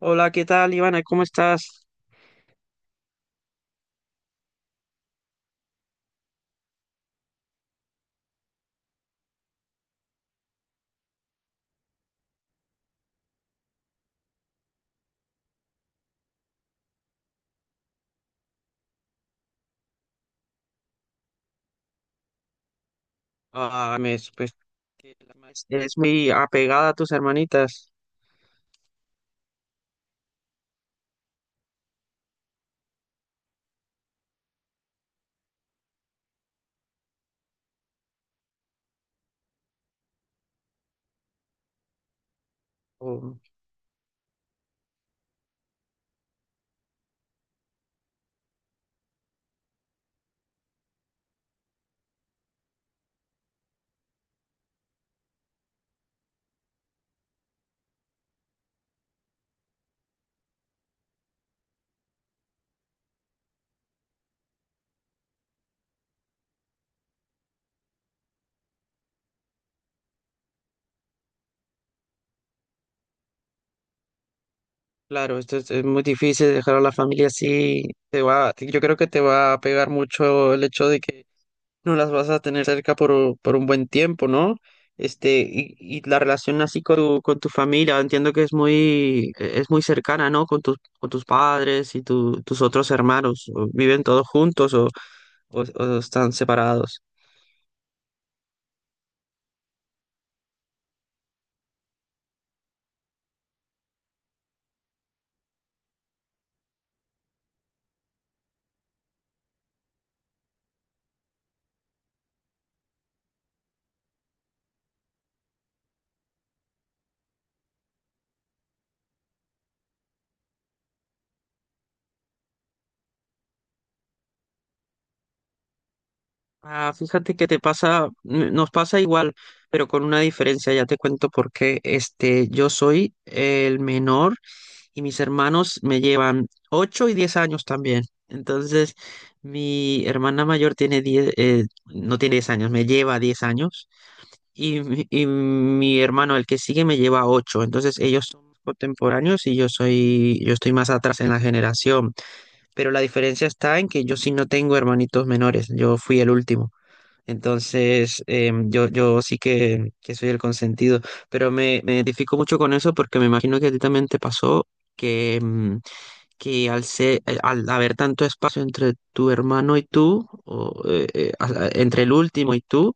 Hola, ¿qué tal, Ivana? ¿Cómo estás? Ah, me supe que la maestra es muy apegada a tus hermanitas. Oh, claro, esto es muy difícil dejar a la familia así. Te va, yo creo que te va a pegar mucho el hecho de que no las vas a tener cerca por un buen tiempo, ¿no? Y la relación así con tu familia, entiendo que es muy cercana, ¿no? Con tus padres y tus otros hermanos. ¿O ¿Viven todos juntos o o están separados? Ah, fíjate que te pasa, nos pasa igual, pero con una diferencia, ya te cuento por qué. Yo soy el menor y mis hermanos me llevan 8 y 10 años también. Entonces, mi hermana mayor tiene 10, no tiene 10 años, me lleva 10 años y, mi hermano, el que sigue, me lleva 8. Entonces, ellos son contemporáneos y yo estoy más atrás en la generación. Pero la diferencia está en que yo sí no tengo hermanitos menores, yo fui el último. Entonces, yo sí que soy el consentido, pero me identifico mucho con eso porque me imagino que a ti también te pasó que, em, que al haber tanto espacio entre tu hermano y tú, o entre el último y tú,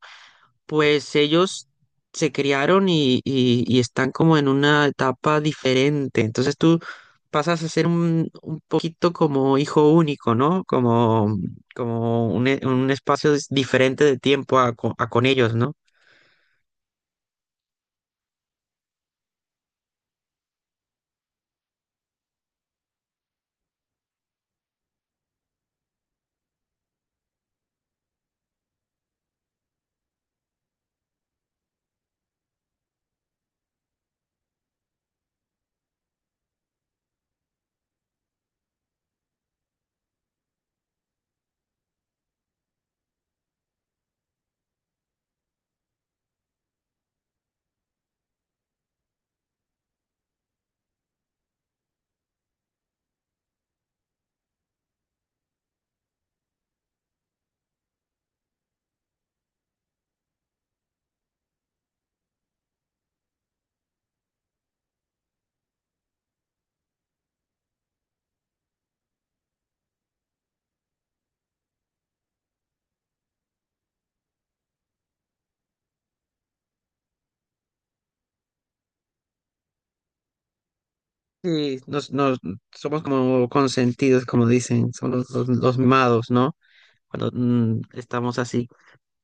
pues ellos se criaron y están como en una etapa diferente. Entonces tú pasas a ser un poquito como hijo único, ¿no? Como un espacio diferente de tiempo a con ellos, ¿no? Sí, somos como consentidos, como dicen, son los mimados, ¿no? Cuando estamos así.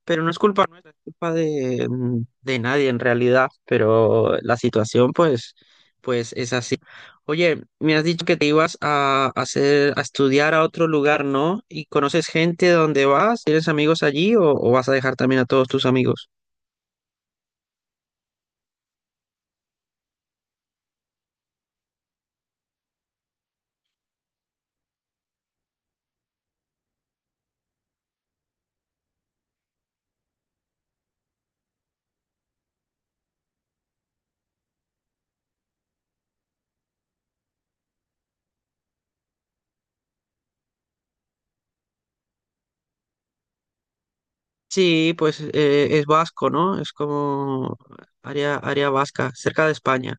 Pero no es culpa nuestra, es culpa de nadie en realidad, pero la situación pues es así. Oye, me has dicho que te ibas a hacer, a estudiar a otro lugar, ¿no? ¿Y conoces gente donde vas? ¿Tienes amigos allí o vas a dejar también a todos tus amigos? Sí, pues es vasco, ¿no? Es como área vasca, cerca de España.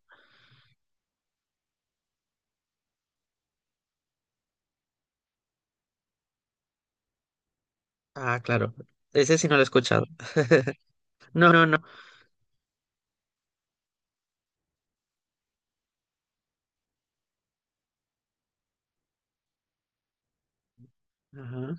Ah, claro. Ese sí no lo he escuchado. No, no, no. Ajá.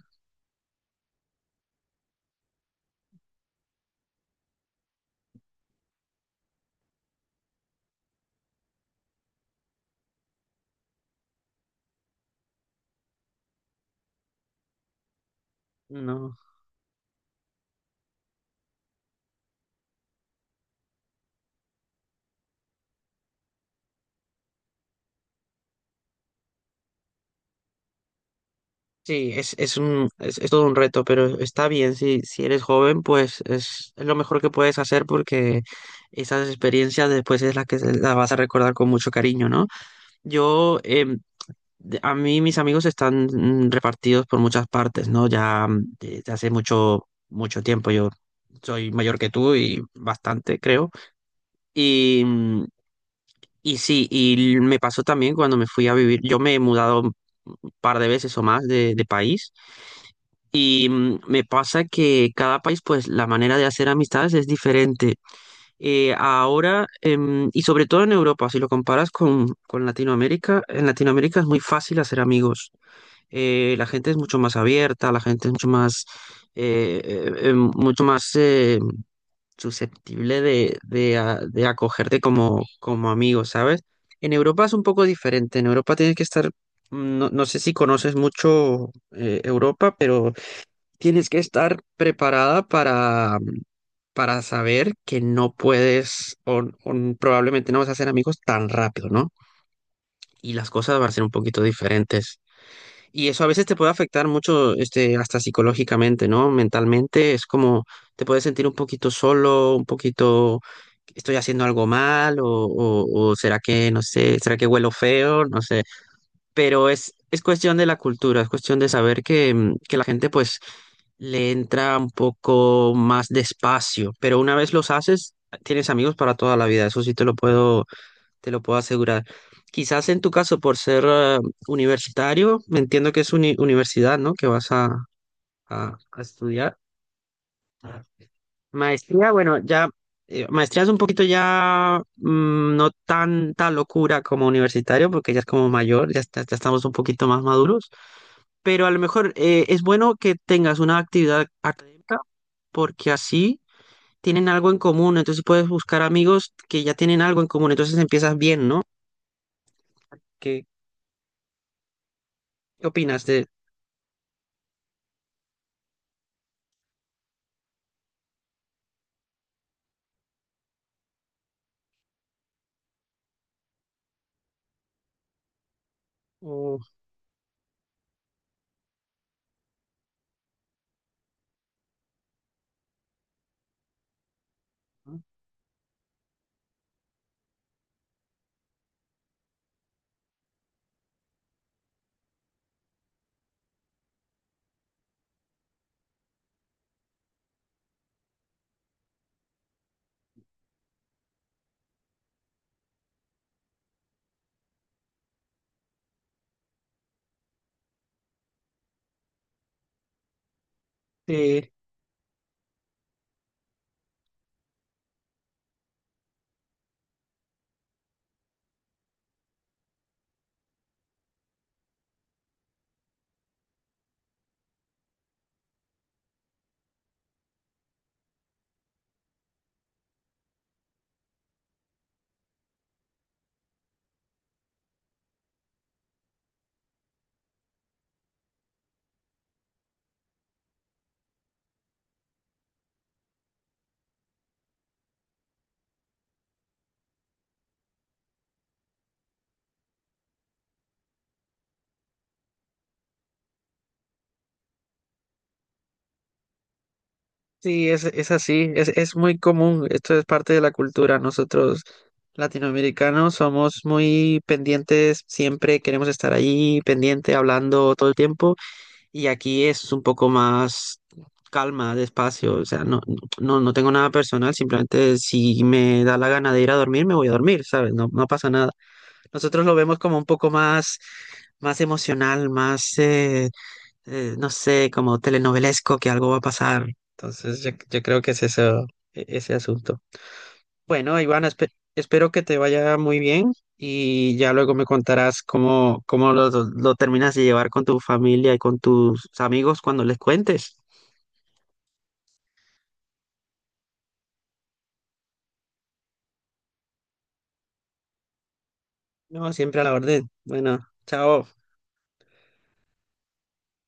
No. Sí, es todo un reto, pero está bien, si eres joven, pues es lo mejor que puedes hacer porque esas experiencias después es las que las vas a recordar con mucho cariño, ¿no? Yo, em, a mí mis amigos están repartidos por muchas partes, ¿no? Ya desde hace mucho, mucho tiempo yo soy mayor que tú y bastante, creo. Y, mm, y sí, y me pasó también cuando me fui a vivir, yo me he mudado un par de veces o más de país y me pasa que cada país, pues la manera de hacer amistades es diferente. Ahora, y sobre todo en Europa, si lo comparas con Latinoamérica, en Latinoamérica es muy fácil hacer amigos. La gente es mucho más abierta, la gente es mucho más, mucho más susceptible de acogerte como amigo, ¿sabes? En Europa es un poco diferente. En Europa tienes que estar, no sé si conoces mucho Europa, pero tienes que estar preparada para saber que no puedes o probablemente no vas a ser amigos tan rápido, ¿no? Y las cosas van a ser un poquito diferentes. Y eso a veces te puede afectar mucho, hasta psicológicamente, ¿no? Mentalmente es como te puedes sentir un poquito solo, un poquito, estoy haciendo algo mal, o será que, no sé, será que huelo feo, no sé. Pero es cuestión de la cultura, es cuestión de saber que la gente pues le entra un poco más despacio, pero una vez los haces, tienes amigos para toda la vida, eso sí te lo puedo asegurar. Quizás en tu caso, por ser universitario, me entiendo que es universidad, ¿no? Que vas a estudiar. Maestría, bueno, ya, maestría es un poquito ya no tanta locura como universitario, porque ya es como mayor, ya estamos un poquito más maduros, pero a lo mejor es bueno que tengas una actividad académica, porque así tienen algo en común, entonces puedes buscar amigos que ya tienen algo en común, entonces empiezas bien, ¿no? ¿Qué, qué opinas de. Ujú. Sí, sí, es así, es muy común, esto es parte de la cultura. Nosotros latinoamericanos somos muy pendientes, siempre queremos estar allí, pendiente, hablando todo el tiempo, y aquí es un poco más calma, despacio, o sea, no, no tengo nada personal, simplemente si me da la gana de ir a dormir, me voy a dormir, ¿sabes? No, no pasa nada. Nosotros lo vemos como un poco más emocional, no sé, como telenovelesco, que algo va a pasar. Entonces, yo creo que es eso, ese asunto. Bueno, Ivana, espero que te vaya muy bien y ya luego me contarás cómo lo terminas de llevar con tu familia y con tus amigos cuando les cuentes. No, siempre a la orden. Bueno, chao.